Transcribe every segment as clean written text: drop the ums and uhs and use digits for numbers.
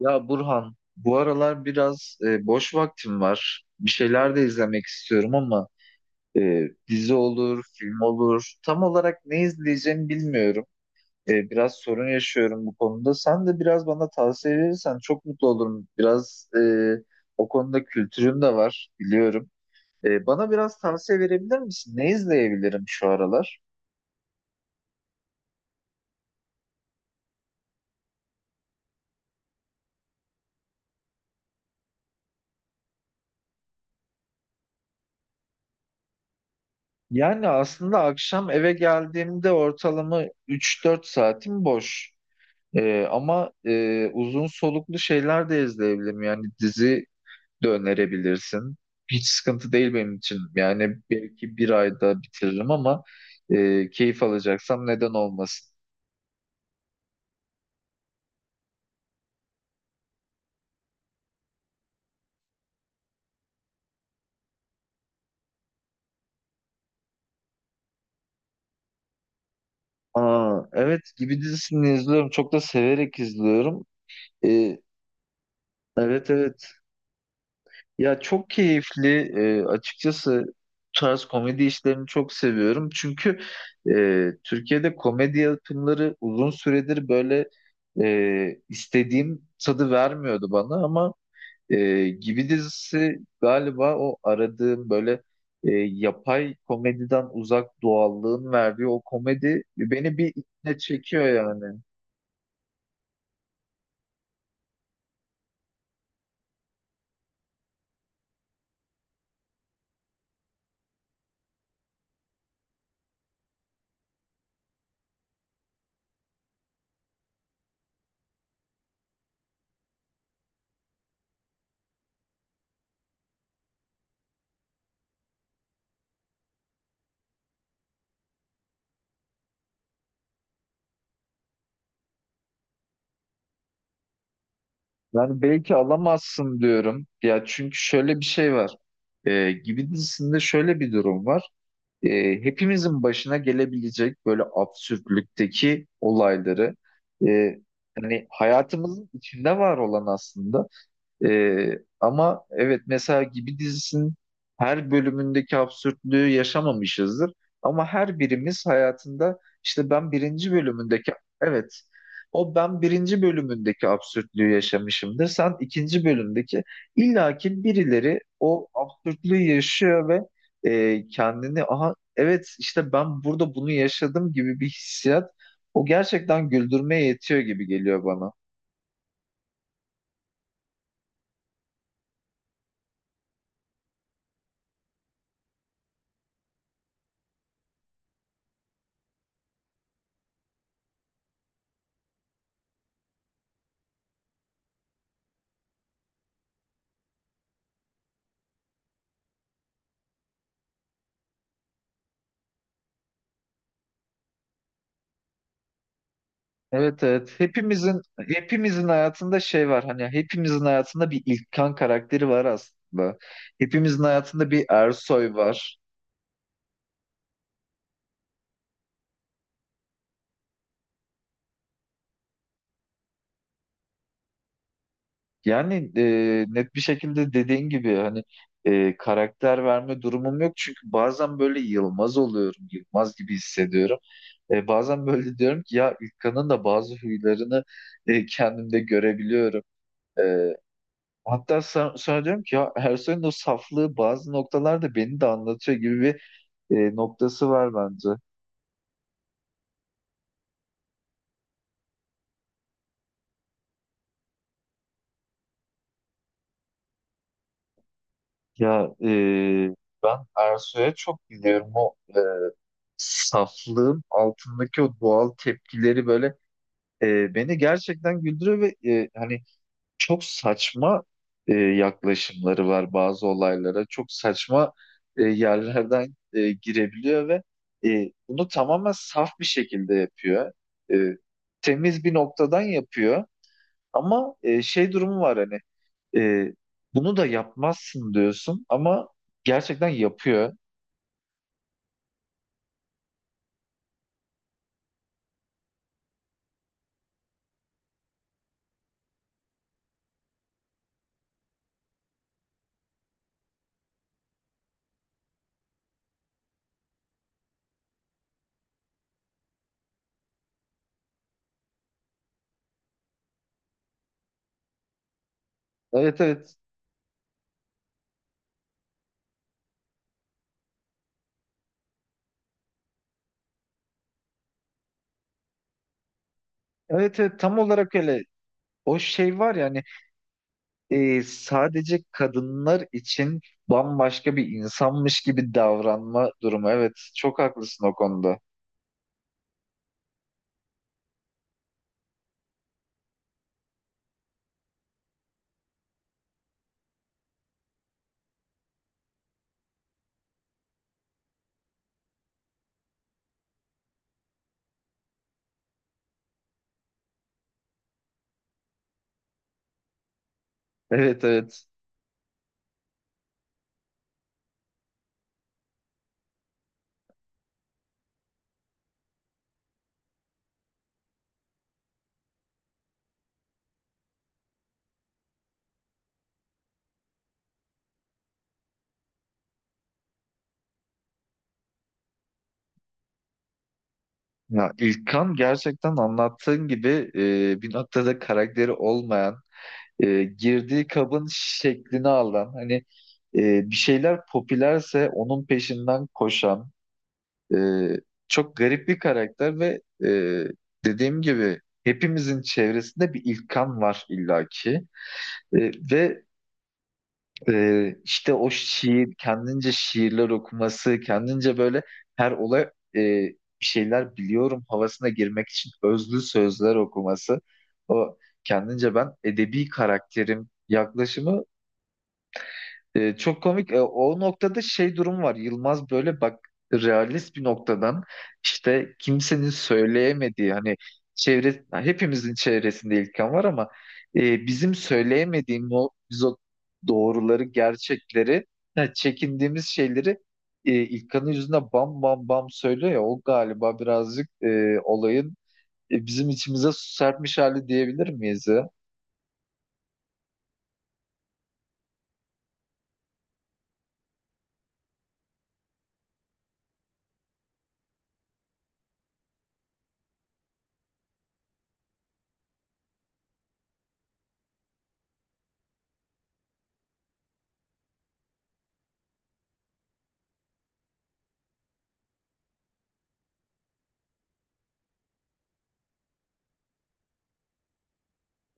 Ya Burhan, bu aralar biraz boş vaktim var. Bir şeyler de izlemek istiyorum ama dizi olur, film olur. Tam olarak ne izleyeceğimi bilmiyorum. Biraz sorun yaşıyorum bu konuda. Sen de biraz bana tavsiye verirsen çok mutlu olurum. Biraz o konuda kültürüm de var, biliyorum. Bana biraz tavsiye verebilir misin? Ne izleyebilirim şu aralar? Yani aslında akşam eve geldiğimde ortalama üç dört saatim boş. Ama uzun soluklu şeyler de izleyebilirim. Yani dizi de önerebilirsin. Hiç sıkıntı değil benim için. Yani belki bir ayda bitiririm ama keyif alacaksam neden olmasın. Aa, evet gibi dizisini izliyorum. Çok da severek izliyorum. Ee, evet evet. Ya çok keyifli, açıkçası bu tarz komedi işlerini çok seviyorum. Çünkü Türkiye'de komedi yapımları uzun süredir böyle istediğim tadı vermiyordu bana ama Gibi dizisi galiba o aradığım, böyle yapay komediden uzak doğallığın verdiği o komedi beni bir içine çekiyor yani. Yani belki alamazsın diyorum. Ya çünkü şöyle bir şey var. Gibi dizisinde şöyle bir durum var. Ee, hepimizin başına gelebilecek böyle absürtlükteki olayları, e, hani hayatımızın içinde var olan aslında, ama evet mesela Gibi dizisinin her bölümündeki absürtlüğü yaşamamışızdır. Ama her birimiz hayatında işte ben birinci bölümündeki, evet, o ben birinci bölümündeki absürtlüğü yaşamışımdır. Sen ikinci bölümdeki, illaki birileri o absürtlüğü yaşıyor ve kendini aha evet işte ben burada bunu yaşadım gibi bir hissiyat, o gerçekten güldürmeye yetiyor gibi geliyor bana. Evet evet, hepimizin hayatında şey var, hani hepimizin hayatında bir İlkan karakteri var aslında. Hepimizin hayatında bir Ersoy var. Yani net bir şekilde dediğin gibi, hani karakter verme durumum yok çünkü bazen böyle Yılmaz oluyorum, Yılmaz gibi hissediyorum. Bazen böyle diyorum ki ya, İlkan'ın da bazı huylarını kendimde görebiliyorum. E, Hatta sonra diyorum ki ya, Ersoy'un o saflığı bazı noktalarda beni de anlatıyor gibi bir noktası var bence. Ya ben Ersoy'a çok biliyorum, o saflığın altındaki o doğal tepkileri böyle beni gerçekten güldürüyor ve hani çok saçma yaklaşımları var bazı olaylara. Çok saçma yerlerden girebiliyor ve bunu tamamen saf bir şekilde yapıyor. E, Temiz bir noktadan yapıyor ama şey durumu var, hani e, bunu da yapmazsın diyorsun ama gerçekten yapıyor. Evet evet. Evet evet, tam olarak öyle. O şey var yani, sadece kadınlar için bambaşka bir insanmış gibi davranma durumu. Evet çok haklısın o konuda. Evet evet. Ya İlkan gerçekten anlattığın gibi bir noktada karakteri olmayan, girdiği kabın şeklini alan, hani bir şeyler popülerse onun peşinden koşan, Ee, çok garip bir karakter ve dediğim gibi hepimizin çevresinde bir İlkan var illaki. Ve işte o şiir, kendince şiirler okuması, kendince böyle her olay e, bir şeyler biliyorum havasına girmek için özlü sözler okuması. O kendince ben edebi karakterim yaklaşımı çok komik. O noktada şey durum var. Yılmaz böyle bak realist bir noktadan, işte kimsenin söyleyemediği, hani çevre, hepimizin çevresinde İlkan var ama bizim söyleyemediğimiz o, biz o doğruları, gerçekleri, ha, çekindiğimiz şeyleri İlkan'ın yüzüne bam bam bam söylüyor ya, o galiba birazcık olayın bizim içimize su serpmiş hali diyebilir miyiz ya?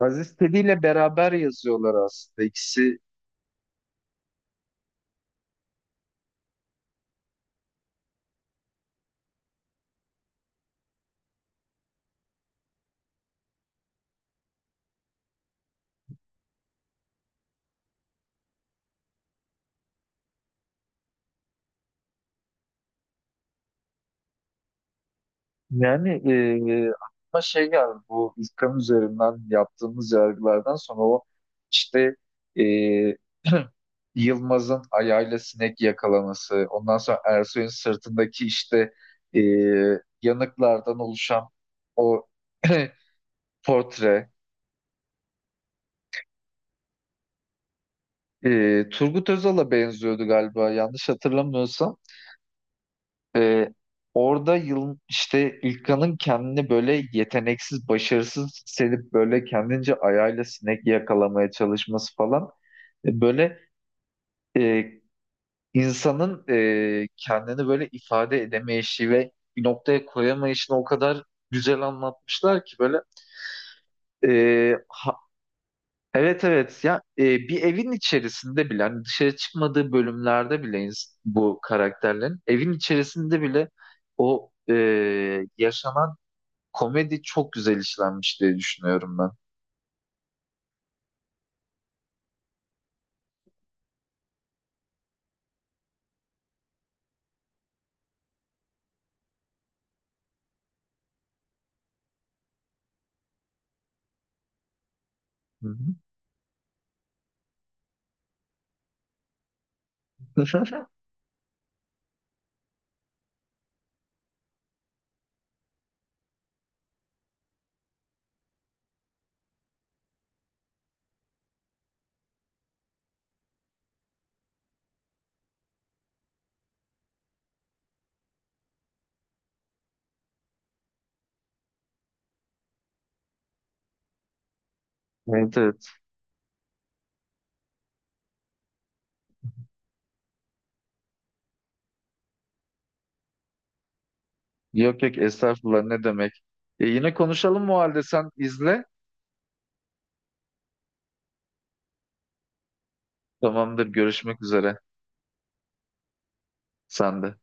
Aziz Tedi ile beraber yazıyorlar aslında. İkisi. Yani aklıma şey geldi, bu İlkan üzerinden yaptığımız yargılardan sonra o işte e, Yılmaz'ın ayağıyla sinek yakalaması, ondan sonra Ersoy'un sırtındaki işte e, yanıklardan oluşan o portre, Turgut Özal'a benziyordu galiba, yanlış hatırlamıyorsam. Ee, orada yıl işte İlkan'ın kendini böyle yeteneksiz, başarısız hissedip böyle kendince ayağıyla sinek yakalamaya çalışması falan. Böyle e, insanın kendini böyle ifade edemeyişi ve bir noktaya koyamayışını o kadar güzel anlatmışlar ki, böyle e, ha- evet evet ya, bir evin içerisinde bile hani dışarı çıkmadığı bölümlerde bile bu karakterlerin evin içerisinde bile o yaşanan komedi çok güzel işlenmiş diye düşünüyorum ben. Hı hı. Evet, evet. Yok yok, estağfurullah, ne demek. Yine konuşalım o halde, sen izle. Tamamdır, görüşmek üzere. Sen de.